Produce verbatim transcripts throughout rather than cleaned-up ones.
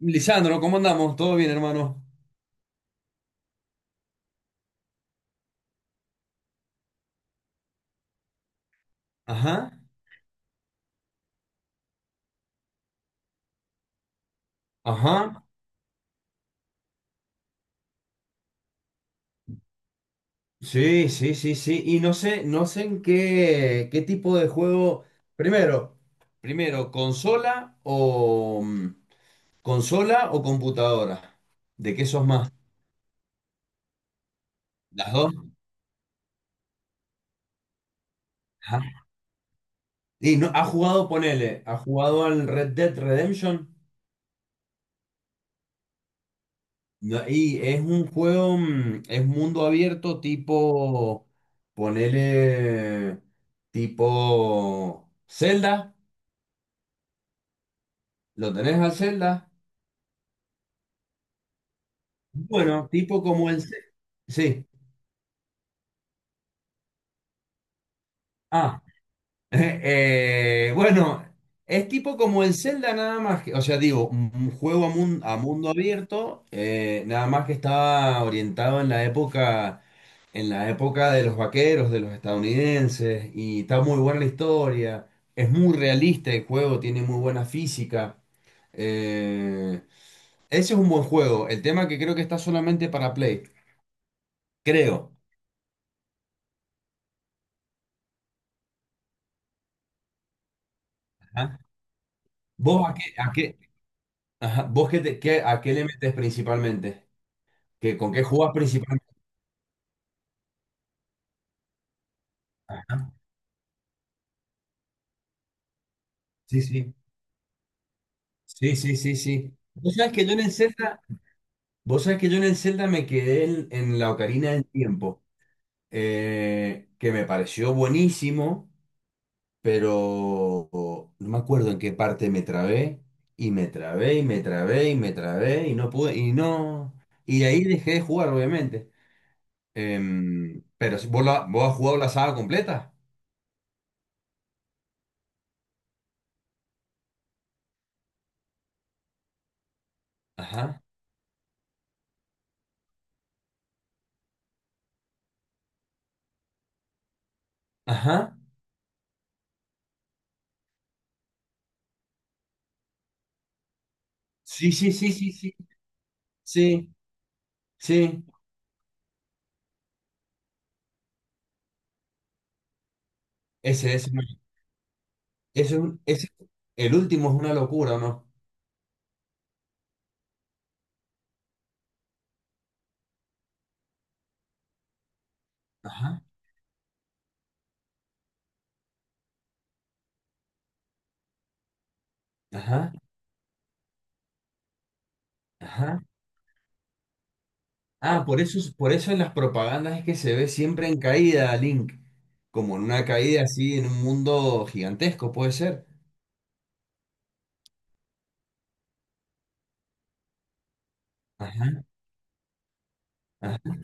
Lisandro, ¿cómo andamos? ¿Todo bien, hermano? Ajá, ajá. Sí, sí, sí, sí. Y no sé, no sé en qué, qué tipo de juego. Primero, primero, consola o consola o computadora. ¿De qué sos más? ¿Las dos? Ajá. Y no, ha jugado, ponele, ha jugado al Red Dead Redemption. No, y es un juego, mm, es mundo abierto, tipo, ponele, tipo Zelda. ¿Lo tenés al Zelda? Bueno, tipo como el... Ce- Sí. Ah, eh, bueno, es tipo como el Zelda nada más que, o sea, digo, un juego a mundo, a mundo abierto, eh, nada más que estaba orientado en la época, en la época de los vaqueros, de los estadounidenses, y está muy buena la historia, es muy realista el juego, tiene muy buena física. Eh, Ese es un buen juego, el tema que creo que está solamente para Play, creo. ¿Vos a qué, a qué, ajá, vos qué te- qué- a qué le metes principalmente? ¿Qué, con qué jugás principalmente? Ajá, sí, sí. Sí, sí, sí, sí. Vos sabés que yo en el Zelda, vos sabés que yo en el Zelda me quedé en, en la Ocarina del Tiempo, eh, que me pareció buenísimo, pero no me acuerdo en qué parte me trabé, y me trabé, y me trabé, y me trabé, y no pude, y no. Y ahí dejé de jugar, obviamente. Em, pero si- ¿vos, la- vos has jugado la saga completa? Ajá. Ajá. Sí, sí, sí, sí, sí, sí, sí. Ese, ese, ese, es un- ese- El último es una locura, ¿o no? Ajá, ajá, ajá. Ah, por eso, es- por eso en las propagandas es que se ve siempre en caída, Link. Como en una caída así, en un mundo gigantesco, puede ser. Ajá, ajá.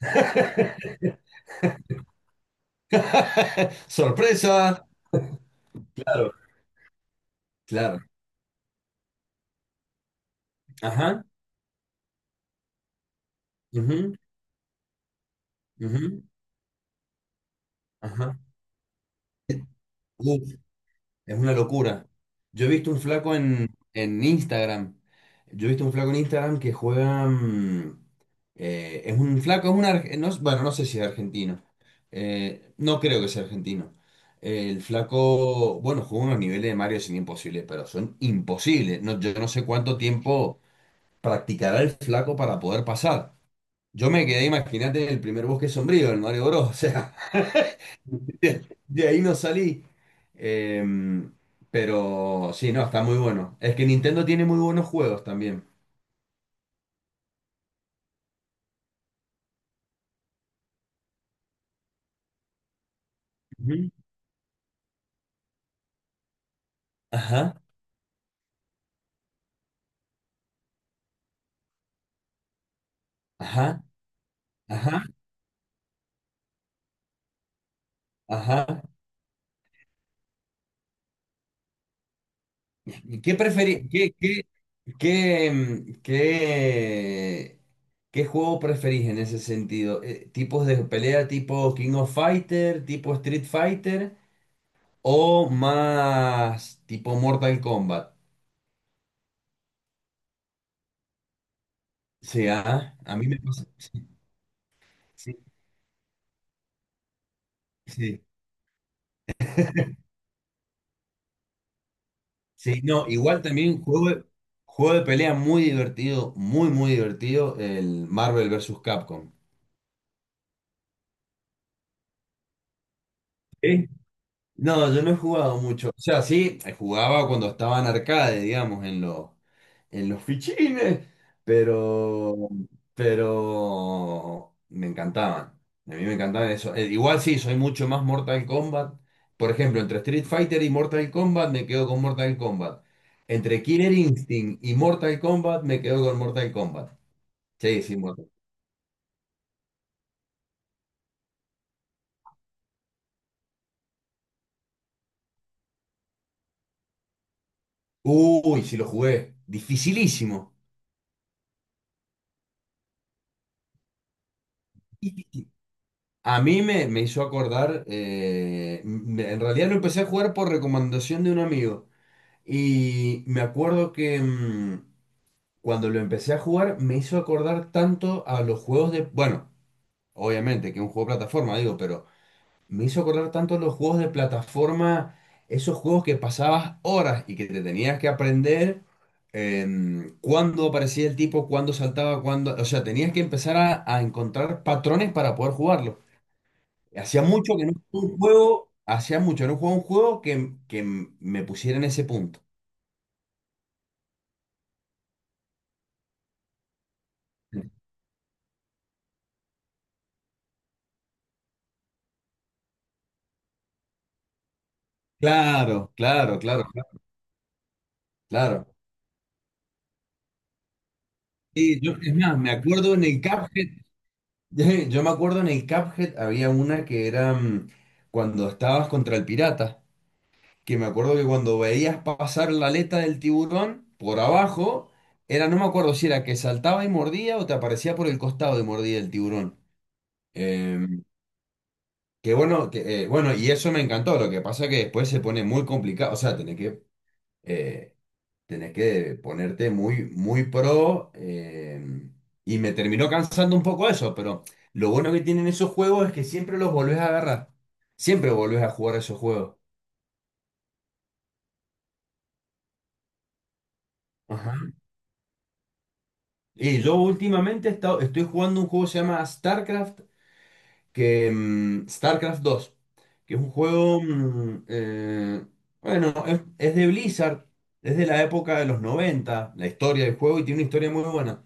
Sorpresa. Claro, claro. Ajá, ujú, ujú, ajá. Es una locura. Yo he visto un flaco en, en Instagram. Yo he visto un flaco en Instagram que juega. mm, eh, es un flaco, es un. arge- no- bueno, no sé si es argentino. Eh, no creo que sea argentino. El flaco, bueno, juega unos niveles de Mario sin imposibles, pero son imposibles. No, yo no sé cuánto tiempo practicará el flaco para poder pasar. Yo me quedé, imagínate, en el primer bosque sombrío, el Mario Bros. O sea. De, de ahí no salí. Em, pero sí, no, está muy bueno. Es que Nintendo tiene muy buenos juegos también. Ujú. Ajá, ajá, ajá, ajá. ¿Y ¿Qué preferí, qué, qué, qué, em, qué, qué juego preferís en ese sentido? Eh, ¿Tipos de pelea tipo King of Fighter, tipo Street Fighter o más tipo Mortal Kombat? Sí, ajá, a mí me pasa. Sí, sí, sí. Sí, no, igual también juego de, juego de pelea muy divertido, muy, muy divertido, el Marvel versus. Capcom. ¿Sí? No, yo no he jugado mucho. O sea, sí, jugaba cuando estaba en arcade, digamos, en los, en los fichines, pero, pero me encantaban. A mí me encantaban eso. Eh, Igual sí, soy mucho más Mortal Kombat. Por ejemplo, entre Street Fighter y Mortal Kombat me quedo con Mortal Kombat. Entre Killer Instinct y Mortal Kombat me quedo con Mortal Kombat. Sí, sí, muerto. Uy, sí lo jugué. Dificilísimo. Difícil. A mí me, me hizo acordar, eh, me- en realidad lo empecé a jugar por recomendación de un amigo. Y me acuerdo que mm, cuando lo empecé a jugar me hizo acordar tanto a los juegos de... Bueno, obviamente que es un juego de plataforma, digo, pero me hizo acordar tanto los juegos de plataforma, esos juegos que pasabas horas y que te tenías que aprender em, cuándo aparecía el tipo, cuándo saltaba, cuándo... O sea, tenías que empezar a, a encontrar patrones para poder jugarlo. Hacía mucho que no jugaba un juego, hacía mucho que no jugaba un juego que, que me pusiera en ese punto. Claro, claro, claro, claro. Sí, yo, es más, me acuerdo en el Cuphead, yo me acuerdo en el Cuphead había una que era mm, cuando estabas contra el pirata. Que me acuerdo que cuando veías pasar la aleta del tiburón por abajo, era, no me acuerdo si era que saltaba y mordía o te aparecía por el costado y mordía el tiburón. Eh, que bueno, que, eh, bueno, y eso me encantó. Lo que pasa es que después se pone muy complicado. O sea, tenés que, eh, tenés que ponerte muy, muy pro. Eh, y me terminó cansando un poco eso, pero lo bueno que tienen esos juegos es que siempre los volvés a agarrar. Siempre volvés a jugar esos juegos. Ajá. Y yo últimamente he estado- estoy jugando un juego que se llama StarCraft, que, mm, StarCraft dos que es un juego, mm, eh, bueno, es, es de Blizzard, es de la época de los noventa la historia del juego, y tiene una historia muy buena.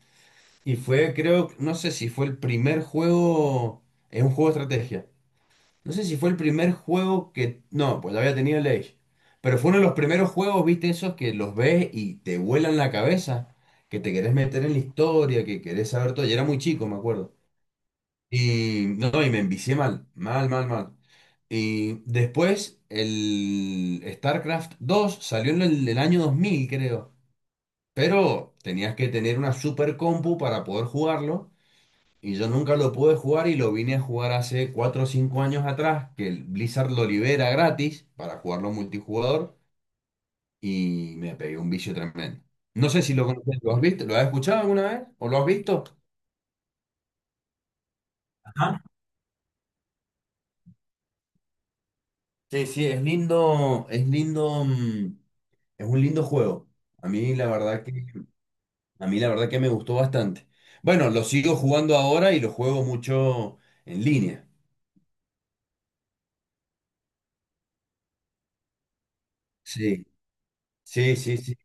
Y fue, creo, no sé si fue el primer juego, es un juego de estrategia, no sé si fue el primer juego que... No, pues había tenido el Age. Pero fue uno de los primeros juegos, viste, esos que los ves y te vuelan la cabeza, que te querés meter en la historia, que querés saber todo. Y era muy chico, me acuerdo. Y no, y me envicié mal, mal, mal, mal. Y después el StarCraft dos salió en el, el año dos mil, creo. Pero tenías que tener una super compu para poder jugarlo. Y yo nunca lo pude jugar y lo vine a jugar hace cuatro o cinco años atrás, que el Blizzard lo libera gratis para jugarlo multijugador y me pegué un vicio tremendo. No sé si lo conoces, ¿lo has visto? ¿Lo has escuchado alguna vez? ¿O lo has visto? Ajá. Sí, sí, es lindo, es lindo, mm, es un lindo juego. A mí la verdad que, a mí la verdad que me gustó bastante. Bueno, lo sigo jugando ahora y lo juego mucho en línea. Sí, sí, sí, sí.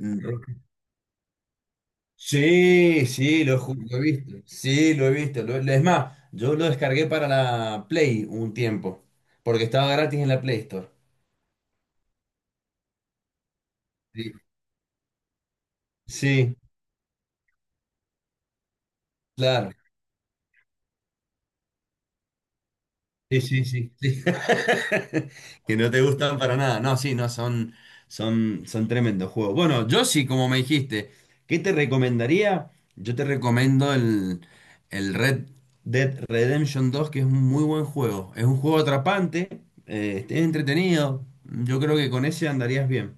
Mm, sí, sí, lo, he ju- lo he visto. Sí, lo he visto. Lo- lo- es más, yo lo descargué para la Play un tiempo, porque estaba gratis en la Play Store. Sí, sí, claro. Sí, sí, sí, sí. Que no te gustan para nada. No, sí, no, son, son, son tremendos juegos. Bueno, yo sí, como me dijiste, ¿qué te recomendaría? Yo te recomiendo el, el Red Dead Redemption dos que es un muy buen juego. Es un juego atrapante, eh, es entretenido. Yo creo que con ese andarías bien.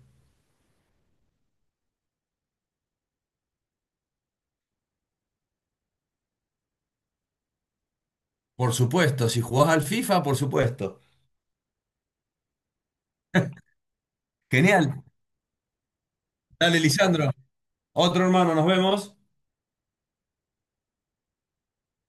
Por supuesto, si jugás al F I F A, por supuesto. Genial. Dale, Lisandro. Otro hermano, nos vemos.